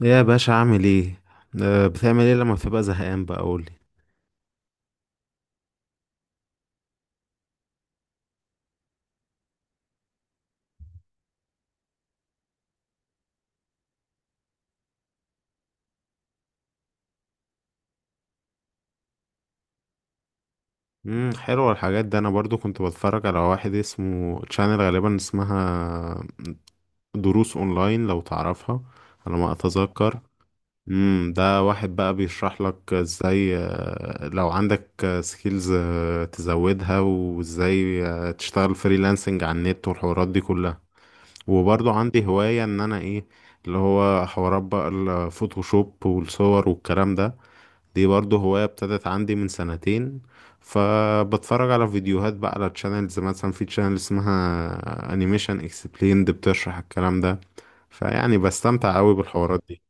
يا باشا عامل ايه؟ بتعمل ايه لما بتبقى زهقان بقى قولي؟ حلوة الحاجات دي، انا برضو كنت بتفرج على واحد اسمه تشانل، غالبا اسمها دروس اونلاين لو تعرفها على ما اتذكر. ده واحد بقى بيشرح لك ازاي، لو عندك سكيلز تزودها وازاي تشتغل فريلانسنج على النت والحوارات دي كلها، وبرضو عندي هواية ان انا ايه اللي هو حوارات بقى الفوتوشوب والصور والكلام ده، دي برضه هواية ابتدت عندي من سنتين. فبتفرج على فيديوهات بقى على تشانلز، مثلا في تشانل اسمها انيميشن اكسبليند بتشرح الكلام ده، فيعني بستمتع قوي بالحوارات دي.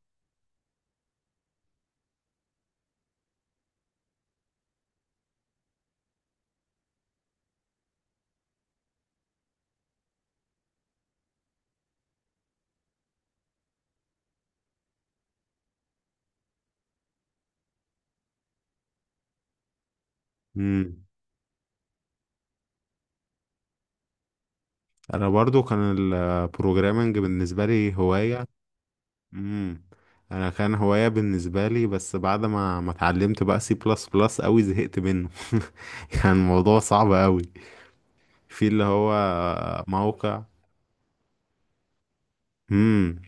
مم. انا برضو كان البروجرامنج بالنسبة لي هواية. مم. انا كان هواية بالنسبة لي، بس بعد ما ما اتعلمت بقى سي بلس بلس قوي زهقت منه كان الموضوع صعب قوي في اللي هو موقع. مم.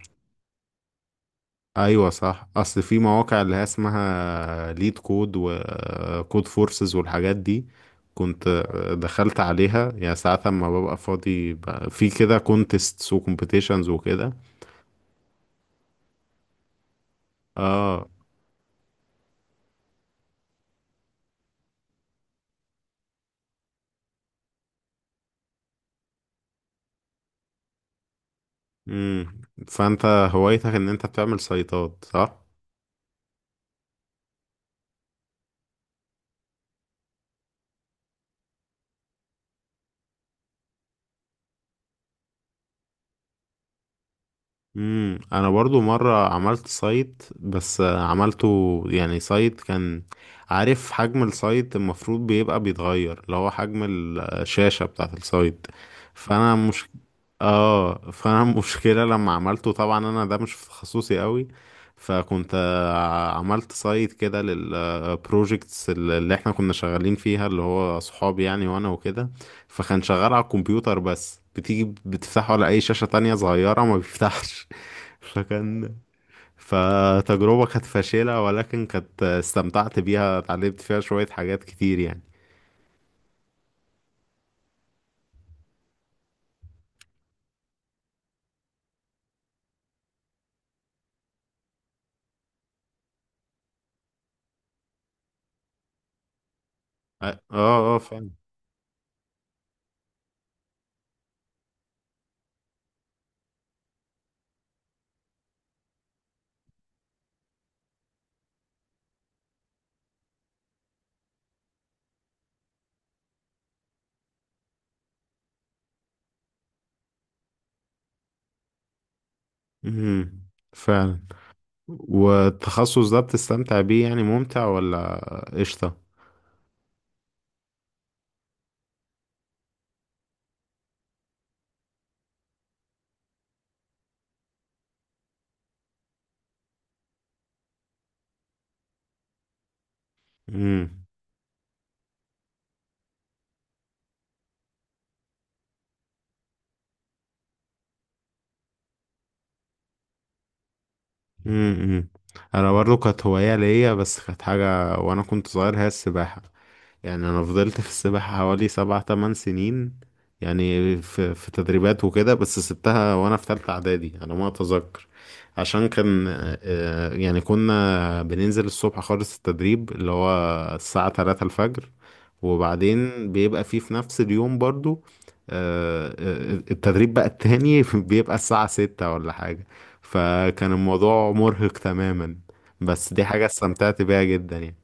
ايوه صح، اصل في مواقع اللي هي اسمها ليد كود وكود فورسز والحاجات دي. كنت دخلت عليها يعني ساعات لما ببقى فاضي، في كده كونتيستس وكومبيتيشنز وكده. اه. امم فانت هوايتك ان انت بتعمل سايتات، صح؟ انا برضو مره عملت سايت بس عملته يعني سايت كان. عارف حجم السايت المفروض بيبقى بيتغير اللي هو حجم الشاشه بتاعه السايت، فانا مش. اه، فانا المشكله لما عملته طبعا انا ده مش في تخصصي قوي، فكنت عملت سايت كده للبروجكتس اللي احنا كنا شغالين فيها اللي هو صحابي يعني وانا وكده. فكان شغال على الكمبيوتر، بس بتيجي بتفتحه على اي شاشه تانية صغيره ما بيفتحش فكان فتجربه كانت فاشله، ولكن كانت استمتعت بيها، اتعلمت فيها شويه حاجات كتير يعني. اه اه، فعلا. مهم. فعلا. والتخصص ده بتستمتع بيه، يعني ممتع ولا؟ قشطة. امم امم انا برضو كانت هواية ليا، بس كانت حاجة وانا كنت صغير، هي السباحة. يعني انا فضلت في السباحة حوالي سبع تمن سنين، يعني في تدريبات وكده، بس سبتها وانا في تالتة اعدادي، انا ما اتذكر عشان كان. يعني كنا بننزل الصبح خالص، التدريب اللي هو الساعة 3 الفجر، وبعدين بيبقى فيه في نفس اليوم برضو التدريب بقى التاني بيبقى الساعة ستة ولا حاجة. فكان الموضوع مرهق تماما، بس دي حاجة استمتعت بيها جدا يعني.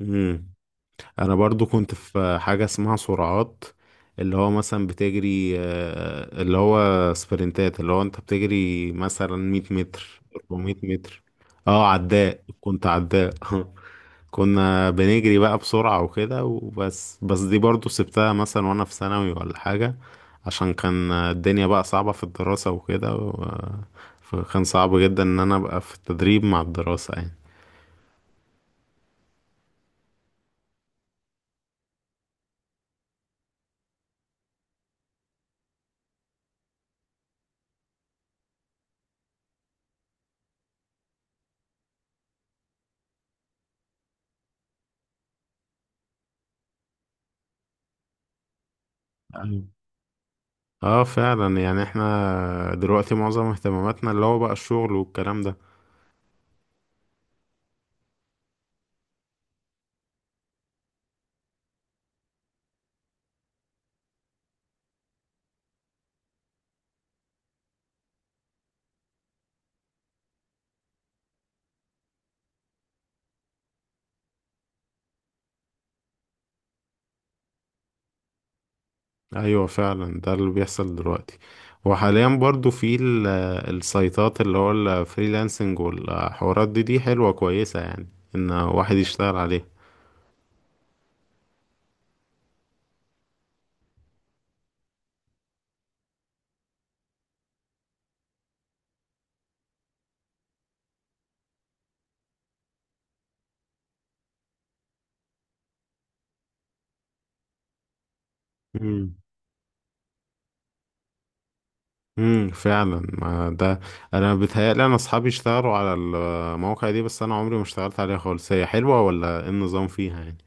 مم. انا برضو كنت في حاجة اسمها سرعات، اللي هو مثلا بتجري، اللي هو سبرنتات اللي هو انت بتجري مثلا 100 متر 400 متر. اه، عداء، كنت عداء كنا بنجري بقى بسرعة وكده وبس بس دي برضو سبتها مثلا وانا في ثانوي ولا حاجة، عشان كان الدنيا بقى صعبة في الدراسة وكده. فكان صعب جدا ان انا ابقى في التدريب مع الدراسة يعني. أيوة. اه فعلا، يعني احنا دلوقتي معظم اهتماماتنا اللي هو بقى الشغل والكلام ده. ايوه فعلا، ده اللي بيحصل دلوقتي، وحاليا برضو في السايتات اللي هو الفريلانسنج والحوارات دي، دي حلوة كويسة يعني ان واحد يشتغل عليها. امم فعلا ما ده، انا بيتهيألي انا اصحابي اشتغلوا على المواقع دي، بس انا عمري ما اشتغلت عليها خالص، هي حلوة ولا ايه النظام فيها يعني؟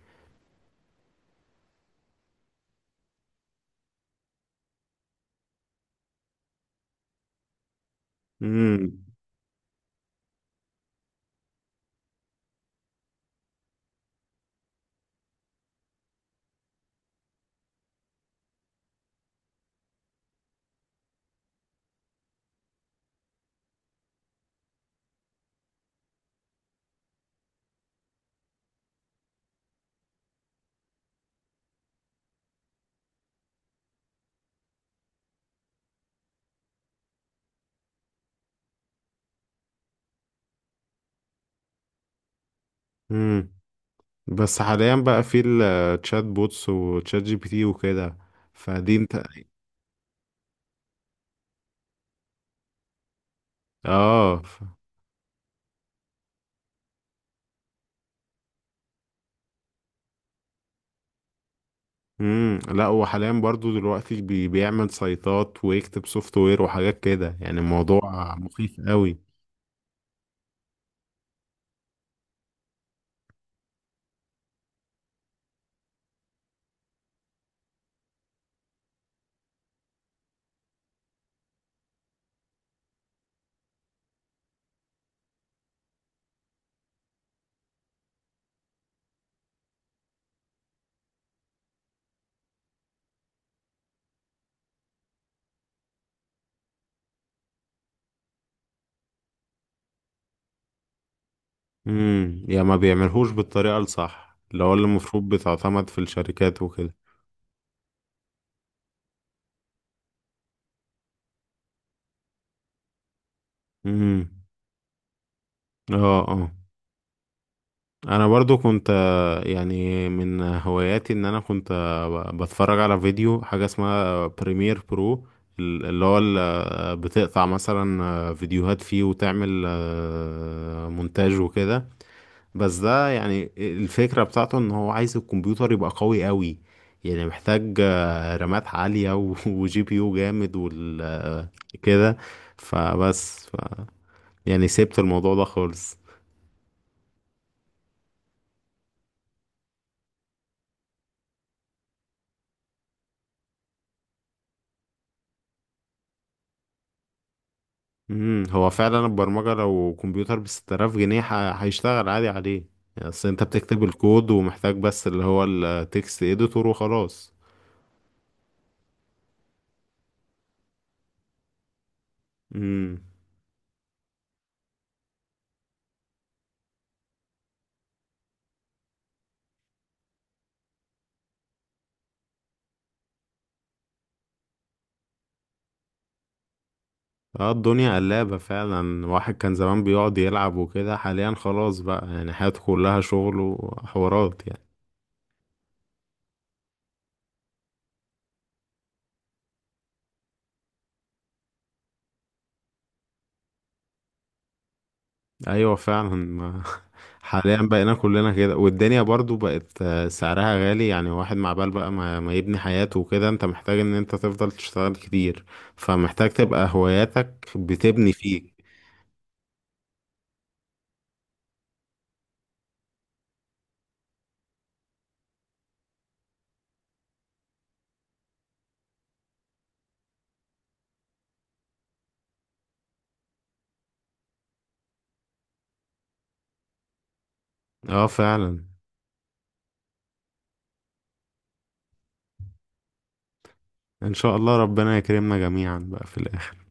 امم امم بس حاليا بقى في التشات بوتس وتشات جي بي تي وكده، فدي انت. اه. لا، وحاليا برضو دلوقتي بيعمل سايتات ويكتب سوفت وير وحاجات كده، يعني الموضوع مخيف قوي. يا ما بيعملهوش بالطريقة الصح، اللي هو اللي المفروض بتعتمد في الشركات وكده. امم اه اه. انا برضو كنت، يعني من هواياتي ان انا كنت، بتفرج على فيديو حاجة اسمها بريمير برو، اللي هو بتقطع مثلا فيديوهات فيه وتعمل مونتاج وكده. بس ده يعني الفكرة بتاعته ان هو عايز الكمبيوتر يبقى قوي قوي، يعني محتاج رامات عالية وجي بي يو جامد وال آه، كده. فبس يعني سيبت الموضوع ده خالص. هو فعلا البرمجة لو كمبيوتر ب 6000 جنيه هيشتغل عادي عليه، يعني اصل انت بتكتب الكود ومحتاج بس اللي هو التكست اديتور وخلاص. امم اه، الدنيا قلابة فعلا، واحد كان زمان بيقعد يلعب وكده، حاليا خلاص بقى يعني حياته كلها شغل وحوارات يعني. ايوه فعلا حاليا بقينا كلنا كده، والدنيا برضو بقت سعرها غالي يعني، واحد مع بال بقى ما, ما يبني حياته وكده، انت محتاج ان انت تفضل تشتغل كتير، فمحتاج تبقى هواياتك بتبني فيك. اه فعلا، ان شاء الله ربنا يكرمنا جميعا بقى في الاخر.